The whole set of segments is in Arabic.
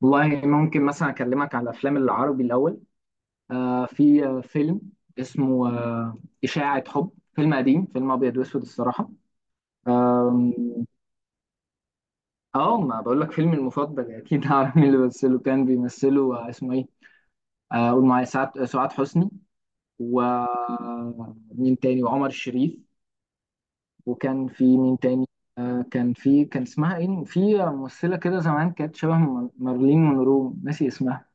والله ممكن مثلا اكلمك على الافلام العربي الاول. في فيلم اسمه اشاعة حب. فيلم قديم، فيلم ابيض واسود الصراحة. آم، اه، ما بقول لك فيلمي المفضل اكيد؟ هعرف مين اللي بيمثله. كان بيمثله اسمه ايه، قول معايا، سعاد، سعاد حسني، ومين تاني، وعمر شريف. وكان في مين تاني؟ كان اسمها ايه، في ممثلة كده زمان كانت شبه مارلين مونرو ناسي اسمها.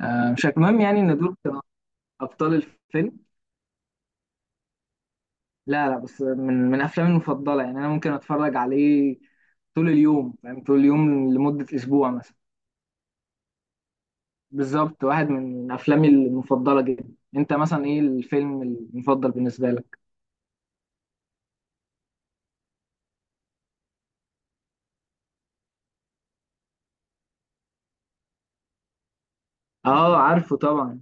مش المهم، يعني ان دول كانوا ابطال الفيلم. لا لا، بس من افلامي المفضله، يعني انا ممكن اتفرج عليه طول اليوم، يعني طول اليوم لمده اسبوع مثلا. بالظبط، واحد من افلامي المفضله جدا. انت مثلا ايه الفيلم المفضل بالنسبه لك؟ اه عارفه طبعا.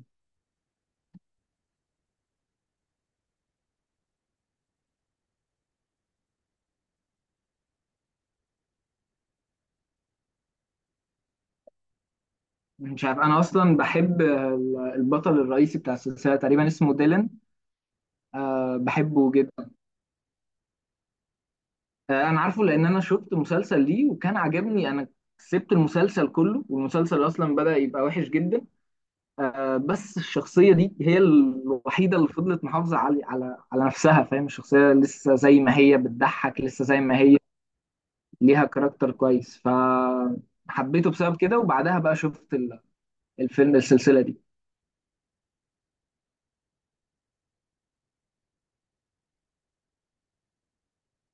مش عارف، انا اصلا بحب البطل الرئيسي بتاع السلسله تقريبا، اسمه ديلان، بحبه جدا. انا عارفه لان انا شفت مسلسل ليه وكان عجبني، انا سبت المسلسل كله، والمسلسل اصلا بدأ يبقى وحش جدا. بس الشخصية دي هي الوحيدة اللي فضلت محافظة على نفسها، فاهم؟ الشخصية لسه زي ما هي، بتضحك لسه زي ما هي، ليها كاركتر كويس، فحبيته بسبب كده. وبعدها بقى شفت الفيلم، السلسلة دي.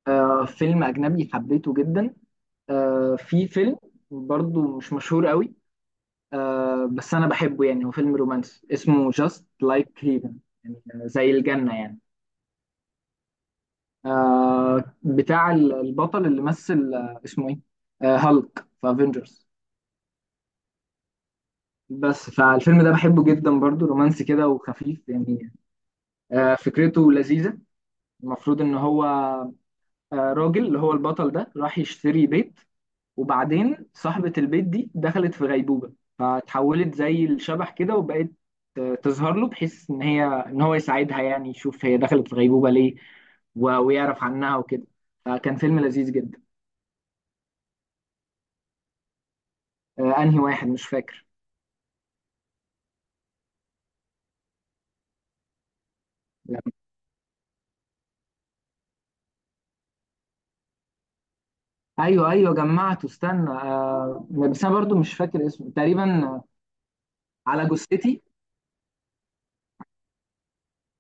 فيلم أجنبي حبيته جدا، في فيلم برضو مش مشهور قوي، بس أنا بحبه، يعني هو فيلم رومانسي اسمه Just Like Heaven، يعني زي الجنة يعني. بتاع البطل اللي مثل، اسمه ايه، هالك في افنجرز. بس فالفيلم ده بحبه جدا، برضو رومانسي كده وخفيف يعني، فكرته لذيذة. المفروض ان هو، راجل اللي هو البطل ده راح يشتري بيت، وبعدين صاحبة البيت دي دخلت في غيبوبة، فتحولت زي الشبح كده، وبقت تظهر له بحيث ان هو يساعدها، يعني يشوف هي دخلت في غيبوبة ليه، ويعرف عنها وكده. فكان فيلم لذيذ جدا. انهي واحد مش فاكر؟ ايوه ايوه جمعته، استنى، بس انا برضو مش فاكر اسمه تقريبا. على جثتي.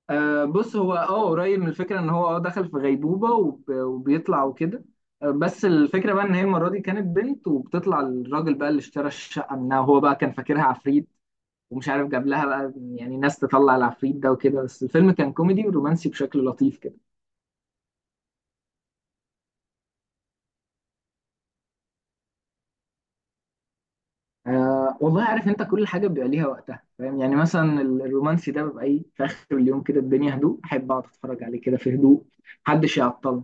بص، هو قريب من الفكره، ان هو دخل في غيبوبه، وبيطلع وكده. بس الفكره بقى ان هي المره دي كانت بنت، وبتطلع الراجل بقى اللي اشترى الشقه منها، وهو بقى كان فاكرها عفريت، ومش عارف جاب لها بقى يعني ناس تطلع العفريت ده وكده. بس الفيلم كان كوميدي ورومانسي بشكل لطيف كده. والله، عارف انت كل حاجه بيبقى ليها وقتها، فاهم؟ يعني مثلا الرومانسي ده بيبقى ايه، في اخر اليوم كده، الدنيا هدوء، احب اقعد اتفرج عليه كده في هدوء، محدش يعطل.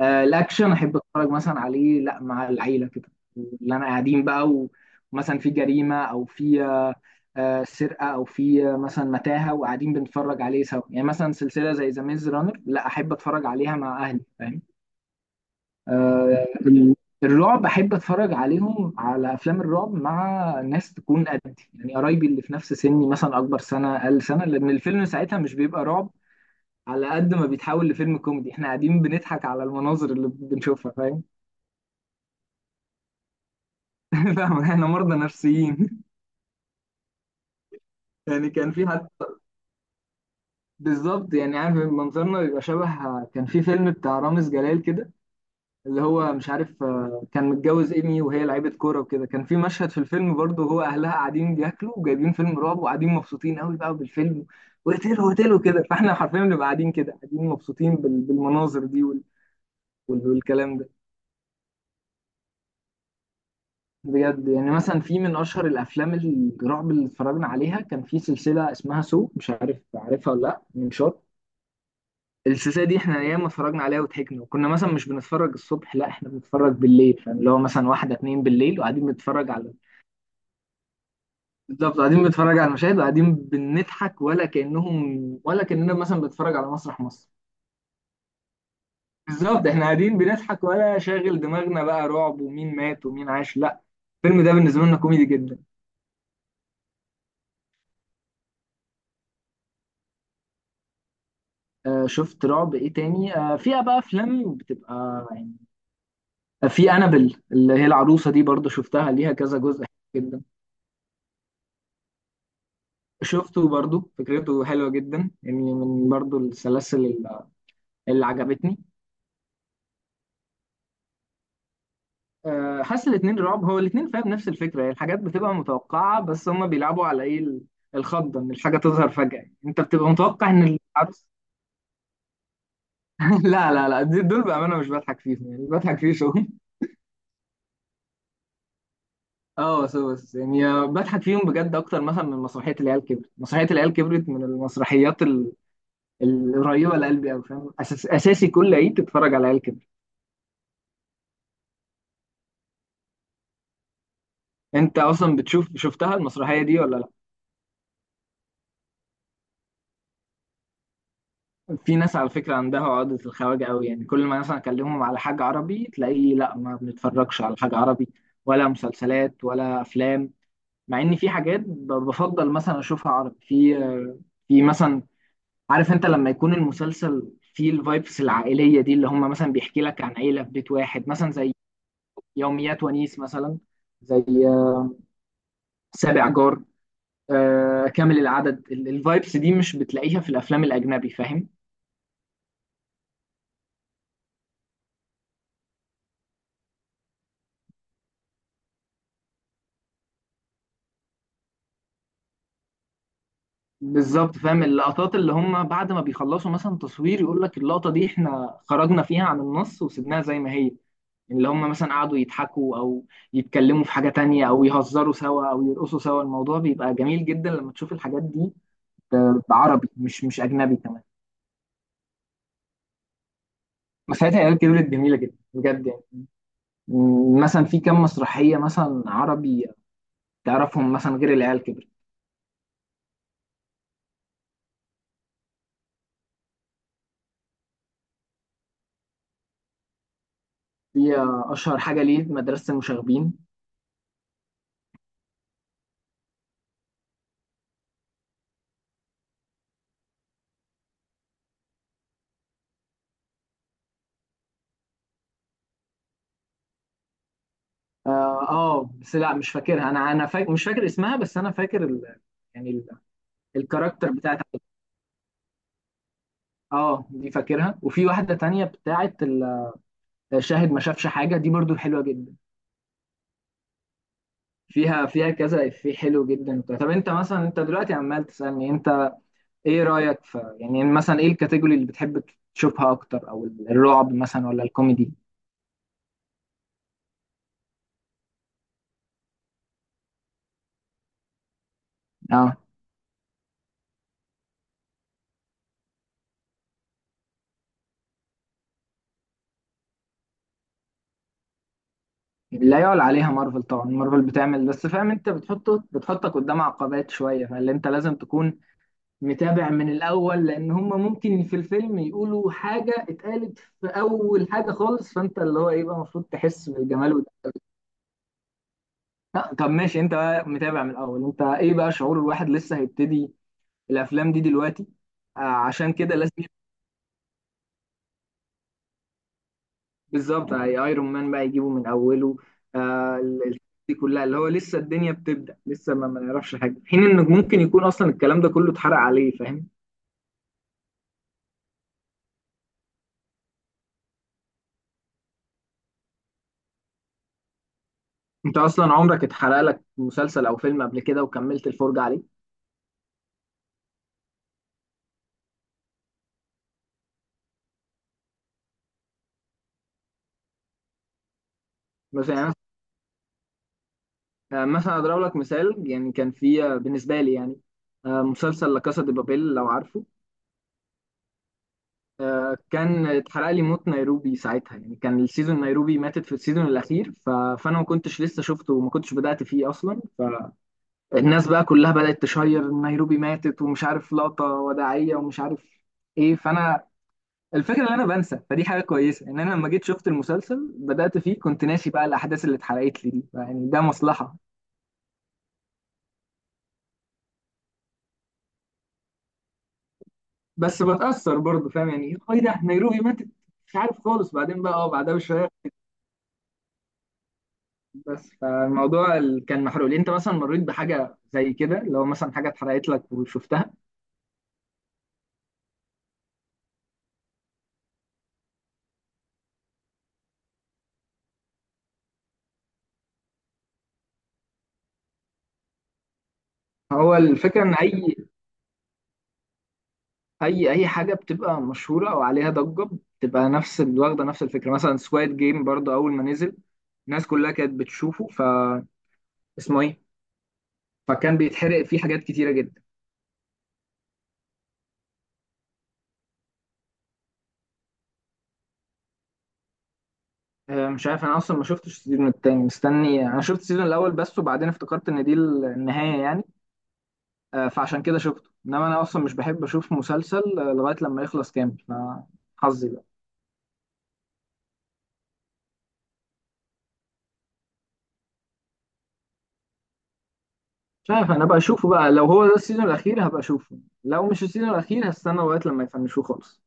الاكشن احب اتفرج مثلا عليه، لا، مع العيله كده اللي انا قاعدين بقى، ومثلا في جريمه، او في سرقه، او في مثلا متاهه، وقاعدين بنتفرج عليه سوا، يعني مثلا سلسله زي ذا ميز رانر، لا، احب اتفرج عليها مع اهلي، فاهم؟ آه، ال- الرعب احب اتفرج عليهم، على افلام الرعب، مع ناس تكون قدي، يعني قرايبي اللي في نفس سني، مثلا اكبر سنه، اقل سنه، لان الفيلم ساعتها مش بيبقى رعب على قد ما بيتحول لفيلم كوميدي. احنا قاعدين بنضحك على المناظر اللي بنشوفها، فاهم؟ فاهم، احنا مرضى نفسيين يعني كان في حد، بالظبط، يعني عارف منظرنا بيبقى شبه. كان في فيلم بتاع رامز جلال كده، اللي هو مش عارف، كان متجوز ايمي وهي لعيبه كوره وكده، كان في مشهد في الفيلم برضه، هو اهلها قاعدين بياكلوا وجايبين فيلم رعب، وقاعدين مبسوطين قوي بقى بالفيلم، وقتلوا وقتلوا كده. فاحنا حرفيا بنبقى قاعدين كده، قاعدين مبسوطين بالمناظر دي والكلام ده. بجد، يعني مثلا في من اشهر الافلام الرعب اللي اتفرجنا عليها، كان في سلسله اسمها سو، مش عارف عارفها ولا لا، من شط. السلسله دي احنا ياما اتفرجنا عليها وضحكنا، وكنا مثلا مش بنتفرج الصبح، لا، احنا بنتفرج بالليل، يعني اللي هو مثلا واحده اتنين بالليل، وقاعدين بنتفرج على، بالظبط، قاعدين بنتفرج على المشاهد وقاعدين بنضحك، ولا كأنهم، ولا كأننا مثلا بنتفرج على مسرح مصر. بالظبط، احنا قاعدين بنضحك، ولا شاغل دماغنا بقى رعب ومين مات ومين عاش، لا، الفيلم ده بالنسبة لنا كوميدي جدا. شفت رعب ايه تاني، فيها بقى افلام بتبقى يعني، في انابل اللي هي العروسة دي، برضو شفتها ليها كذا جزء جدا. شفته برضو، فكرته حلوة جدا، يعني من برضو السلاسل اللي عجبتني. حاسس الاتنين رعب، هو الاتنين فيها بنفس الفكرة، هي الحاجات بتبقى متوقعة، بس هما بيلعبوا على ايه، الخضة، ان الحاجة تظهر فجأة يعني. انت بتبقى متوقع ان العروس، لا لا لا، دول بأمانة مش بضحك فيهم، يعني بضحك فيه شوية اه، بس يعني، بضحك فيهم بجد اكتر مثلا من مسرحية العيال كبرت. مسرحية العيال كبرت من المسرحيات القريبة لقلبي قوي، فاهم، اساسي كل عيد تتفرج على العيال كبرت. انت اصلا شفتها المسرحية دي ولا لا؟ في ناس على فكرة عندها عقدة الخواجة قوي، يعني كل ما مثلا أكلمهم على حاجة عربي تلاقيه، لا، ما بنتفرجش على حاجة عربي، ولا مسلسلات ولا أفلام، مع إن في حاجات بفضل مثلا أشوفها عربي، في مثلا، عارف أنت لما يكون المسلسل فيه الفايبس العائلية دي، اللي هم مثلا بيحكي لك عن عيلة في بيت واحد، مثلا زي يوميات ونيس مثلا، زي سابع جار، كامل العدد، الفايبس دي مش بتلاقيها في الأفلام الأجنبي، فاهم؟ بالظبط، فاهم، اللقطات اللي هم بعد ما بيخلصوا مثلا تصوير يقول لك اللقطة دي احنا خرجنا فيها عن النص وسيبناها زي ما هي، اللي هم مثلا قعدوا يضحكوا، او يتكلموا في حاجة تانية، او يهزروا سوا، او يرقصوا سوا. الموضوع بيبقى جميل جدا لما تشوف الحاجات دي بعربي، مش اجنبي كمان. مسرحيات عيال كبرت جميلة جدا بجد، يعني، مثلا في كام مسرحية مثلا عربي تعرفهم، مثلا غير العيال كبرت؟ في اشهر حاجة ليه مدرسة المشاغبين. اه، بس لا، مش فاكرها، انا مش فاكر اسمها، بس انا فاكر يعني الكاركتر بتاعت. اه، دي فاكرها. وفي واحده تانية بتاعت شاهد ما شافش حاجه، دي برضو حلوه جدا، فيها كذا في حلو جدا وبتاع. طب انت مثلا، انت دلوقتي عمال تسالني انت ايه رايك في، يعني مثلا ايه الكاتيجوري اللي بتحب تشوفها اكتر، او الرعب مثلا ولا الكوميدي؟ اه، لا يعلى عليها مارفل طبعا، مارفل بتعمل، بس فاهم، انت بتحطك قدام عقبات شويه، فاللي انت لازم تكون متابع من الأول، لأن هم ممكن في الفيلم يقولوا حاجة اتقالت في أول حاجة خالص، فأنت اللي هو إيه بقى، المفروض تحس بالجمال وده. لا، طب ماشي، أنت بقى متابع من الأول، أنت إيه بقى شعور الواحد لسه هيبتدي الأفلام دي دلوقتي؟ عشان كده لازم بالظبط. ايرون مان بقى يجيبه من أوله، آه ال- ال- دي كلها اللي هو لسه الدنيا بتبدأ، لسه ما نعرفش حاجة، في حين إنك ممكن يكون أصلا الكلام ده كله اتحرق عليه، فاهم؟ أنت أصلا عمرك اتحرق لك مسلسل أو فيلم قبل كده وكملت الفرجة عليه؟ مثلا يعني، مثلا اضرب لك مثال، يعني كان في، بالنسبه لي يعني، مسلسل لا كاسا دي بابيل، لو عارفه، كان اتحرق لي موت نيروبي ساعتها، يعني كان السيزون، نيروبي ماتت في السيزون الاخير، فانا ما كنتش لسه شفته وما كنتش بدات فيه اصلا. فالناس بقى كلها بدات تشير نيروبي ماتت، ومش عارف لقطه وداعيه، ومش عارف ايه، فانا الفكره ان انا بنسى، فدي حاجه كويسه، ان انا لما جيت شفت المسلسل بدات فيه كنت ناسي بقى الاحداث اللي اتحرقت لي دي، يعني ده مصلحه، بس بتأثر برضه، فاهم يعني؟ ايه ده، نيروبي ماتت، مش عارف خالص، بعدين بقى بعدها بشويه. بس فالموضوع كان محروق ليه، انت مثلا مريت بحاجه زي كده، لو مثلا حاجه اتحرقت لك وشفتها؟ هو الفكره ان اي حاجه بتبقى مشهوره او عليها ضجه بتبقى نفس واخده نفس الفكره، مثلا سواد جيم برضه اول ما نزل، الناس كلها كانت بتشوفه، اسمه ايه، فكان بيتحرق فيه حاجات كتيره جدا. مش عارف، انا اصلا ما شفتش السيزون التاني، مستني، انا شفت السيزون الاول بس، وبعدين افتكرت ان دي النهايه يعني، فعشان كده شفته. انما انا اصلا مش بحب اشوف مسلسل لغايه لما يخلص كامل، فحظي بقى. مش عارف، انا بقى اشوفه بقى لو هو ده السيزون الاخير هبقى اشوفه، لو مش السيزون الاخير هستنى لغايه لما يفنشوه خالص.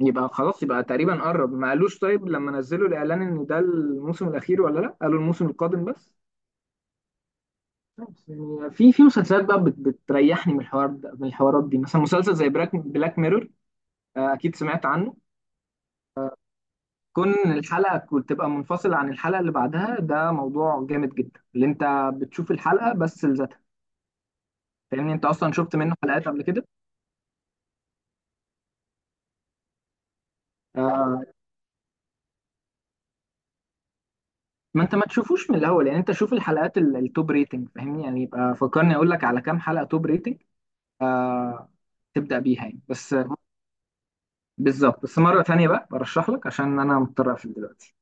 يبقى خلاص يبقى تقريبا قرب، ما قالوش؟ طيب لما نزلوا الاعلان، ان ده الموسم الاخير ولا لا، قالوا الموسم القادم بس؟ بس يعني في مسلسلات بقى بتريحني من الحوار ده، من الحوارات دي، مثلا مسلسل زي بلاك ميرور، اكيد سمعت عنه. كون الحلقة كنت تبقى منفصلة عن الحلقة اللي بعدها، ده موضوع جامد جدا، اللي انت بتشوف الحلقة بس لذاتها. فاهمني؟ انت اصلا شفت منه حلقات قبل كده؟ آه ما انت ما تشوفوش من الاول، يعني انت شوف الحلقات التوب ريتنج، فاهمني؟ يعني يبقى فكرني اقول لك على كام حلقة توب ريتنج آه تبدأ بيها، يعني بس، بالظبط. بس مرة تانية بقى برشح لك، عشان انا مضطر اقفل دلوقتي.